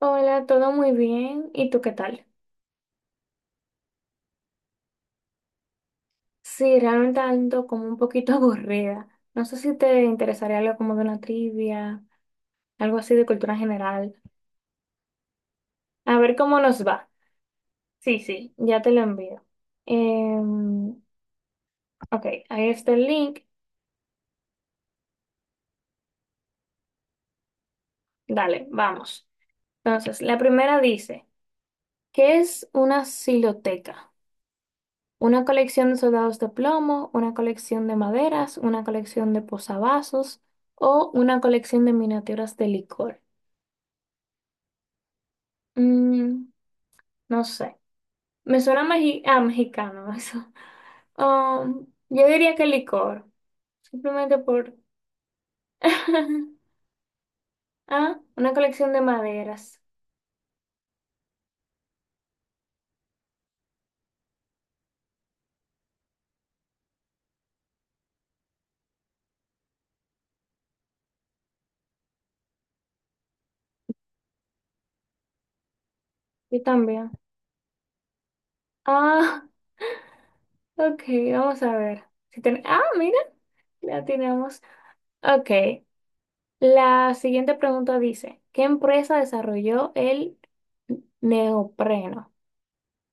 Hola, todo muy bien. ¿Y tú qué tal? Sí, realmente ando como un poquito aburrida. No sé si te interesaría algo como de una trivia, algo así de cultura general. A ver cómo nos va. Sí, sí, ya te lo envío. Em, ok, ahí está el link. Dale, vamos. Entonces, la primera dice, ¿qué es una siloteca? Una colección de soldados de plomo, una colección de maderas, una colección de posavasos o una colección de miniaturas de licor. Mm, no sé. Me suena ah, mexicano eso. Yo diría que licor. Simplemente por... Ah, una colección de maderas. Yo también. Ah, ok, vamos a ver. Si ten- Ah, mira, la tenemos. Ok, la siguiente pregunta dice, ¿qué empresa desarrolló el neopreno?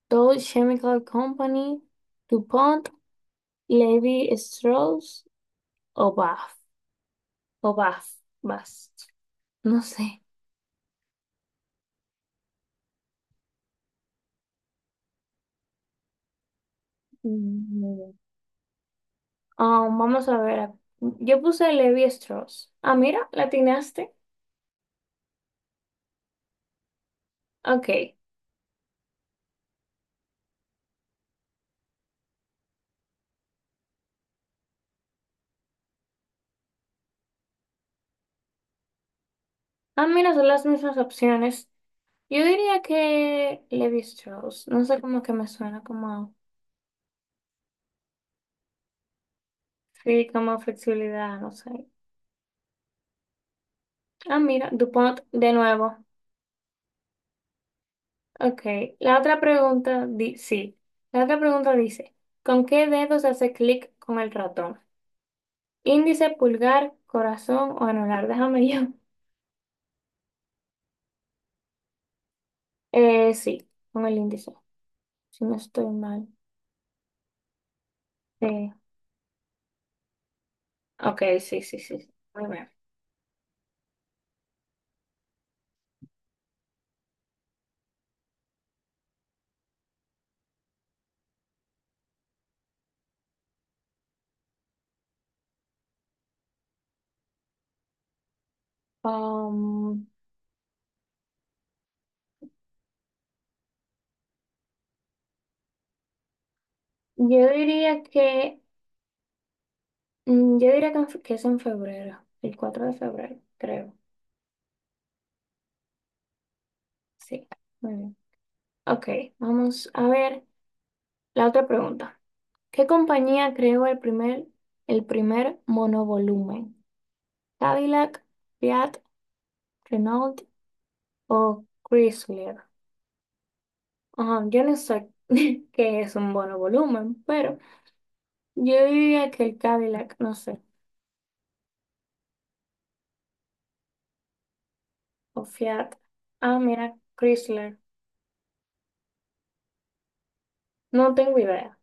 Dow Chemical Company, DuPont, Levi Strauss o Bath? O vas, vas. No sé. Mm, ah, vamos a ver. Yo puse Levi Strauss. Ah, mira, la atinaste. Ok. Ah, mira, son las mismas opciones. Yo diría que Levi Strauss. No sé cómo que me suena, como. Sí, como flexibilidad, no sé. Ah, mira, DuPont de nuevo. Ok. La otra pregunta, di sí. La otra pregunta dice: ¿con qué dedos hace clic con el ratón? ¿Índice, pulgar, corazón o anular? Déjame yo. Sí, con el índice, si no estoy mal. Sí. Ok, sí, sí, sí, sí. Muy bien. Um, yo diría que, mm, yo diría que, que es en febrero, el cuatro de febrero, creo. Sí, muy bien. Ok, vamos a ver la otra pregunta. ¿Qué compañía creó el primer monovolumen? ¿Cadillac, Fiat, Renault o Chrysler? Ajá, yo no sé qué es un monovolumen, pero... Yo diría que el Cadillac, no sé, o Fiat. Ah, mira, Chrysler. No tengo idea.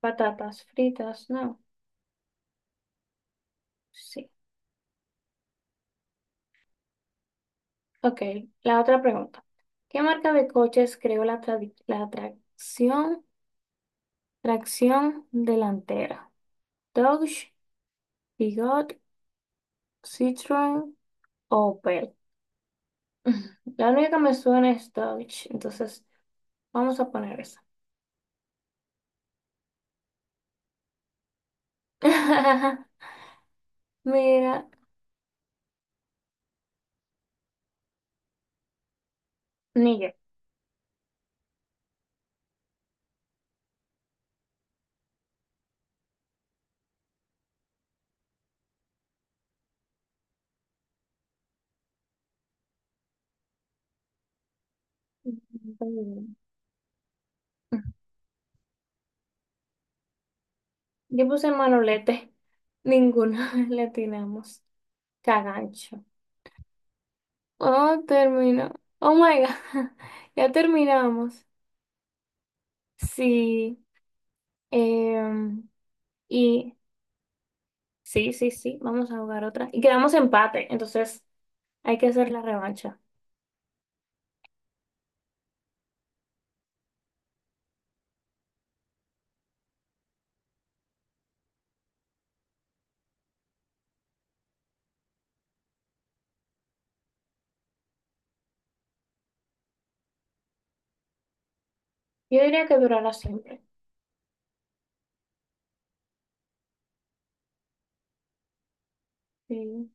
Patatas fritas, no. Sí. Ok, la otra pregunta. ¿Qué marca de coches creó la, tradi- la tracción, tracción delantera? Dodge, Peugeot, Citroën o Opel. La única que me suena es Dodge, entonces vamos a poner esa. Mira, ni yo. Yo puse manolete. Ninguno le atinamos. Cagancho. Oh, terminó. Oh my God. Ya terminamos. Sí. em, y sí, sí, sí. Vamos a jugar otra. Y quedamos empate. Entonces hay que hacer la revancha. Yo diría que durará siempre. Sí.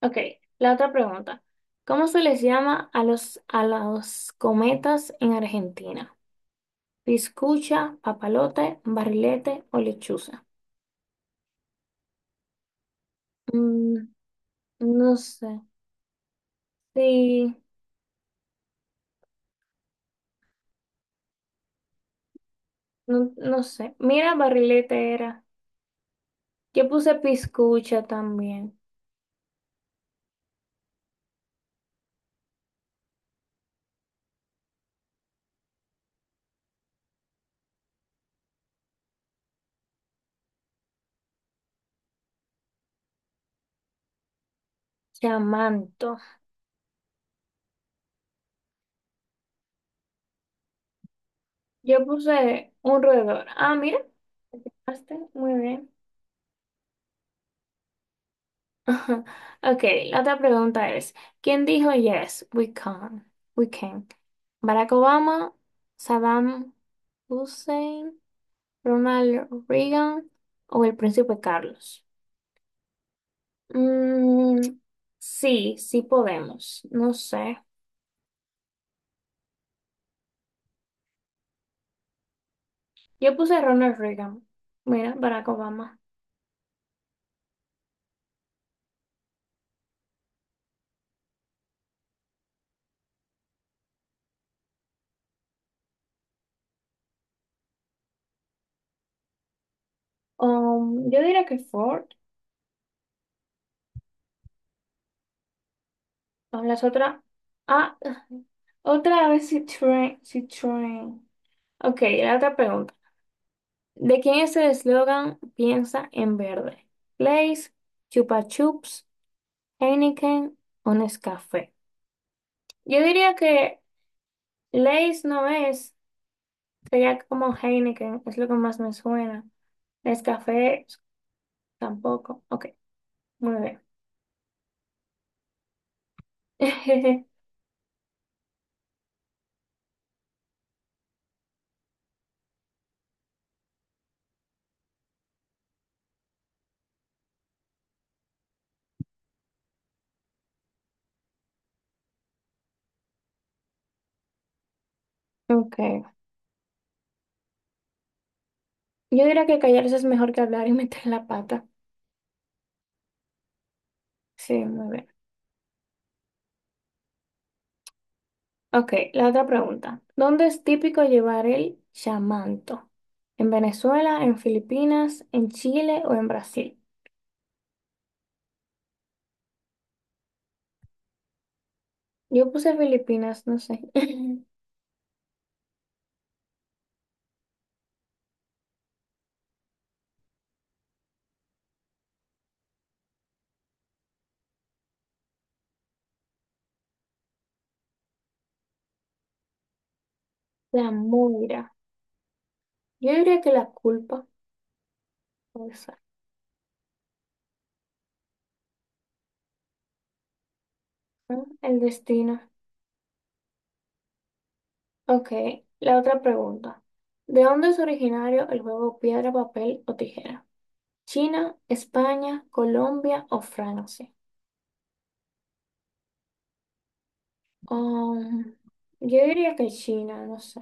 Ok. La otra pregunta. ¿Cómo se les llama a a los cometas en Argentina? ¿Piscucha, papalote, barrilete o lechuza? Mm, no sé. Sí, no, no sé. Mira, barrilete era. Yo puse piscucha también. Chamanto. Yo puse un roedor. Ah, mira. Hazte, muy bien. Ok, la otra pregunta es, ¿quién dijo yes, we can? We can. Barack Obama, Saddam Hussein, Ronald Reagan o el príncipe Carlos. Mm, sí, sí podemos. No sé. Yo puse Ronald Reagan. Mira, Barack Obama. Yo diría que Ford. Ah, las otras. Ah, otra vez Citroën. Citroën. Ok, la otra pregunta. ¿De quién es el eslogan Piensa en verde? Lays, Chupa Chups, Heineken o Nescafé. Yo diría que Lays no es. Sería como Heineken, es lo que más me suena. Nescafé tampoco. Ok, muy bien. Ok. Yo diría que callarse es mejor que hablar y meter la pata. Sí, muy bien. Ok, la otra pregunta. ¿Dónde es típico llevar el chamanto? ¿En Venezuela, en Filipinas, en Chile o en Brasil? Yo puse Filipinas, no sé. La muira. Yo diría que la culpa puede ser, ¿no? El destino. Ok, la otra pregunta. ¿De dónde es originario el juego piedra, papel o tijera? ¿China, España, Colombia o Francia? Um, yo diría que China, no sé.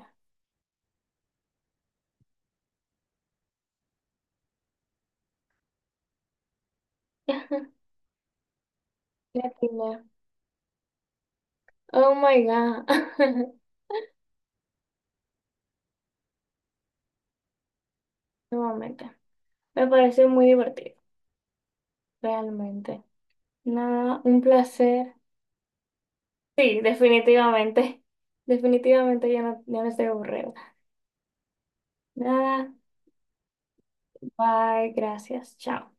Latina. Oh my God. Nuevamente. Me pareció muy divertido, realmente. Nada, un placer. Sí, definitivamente. Definitivamente ya no, ya no estoy aburrida. Nada, bye, gracias, chao.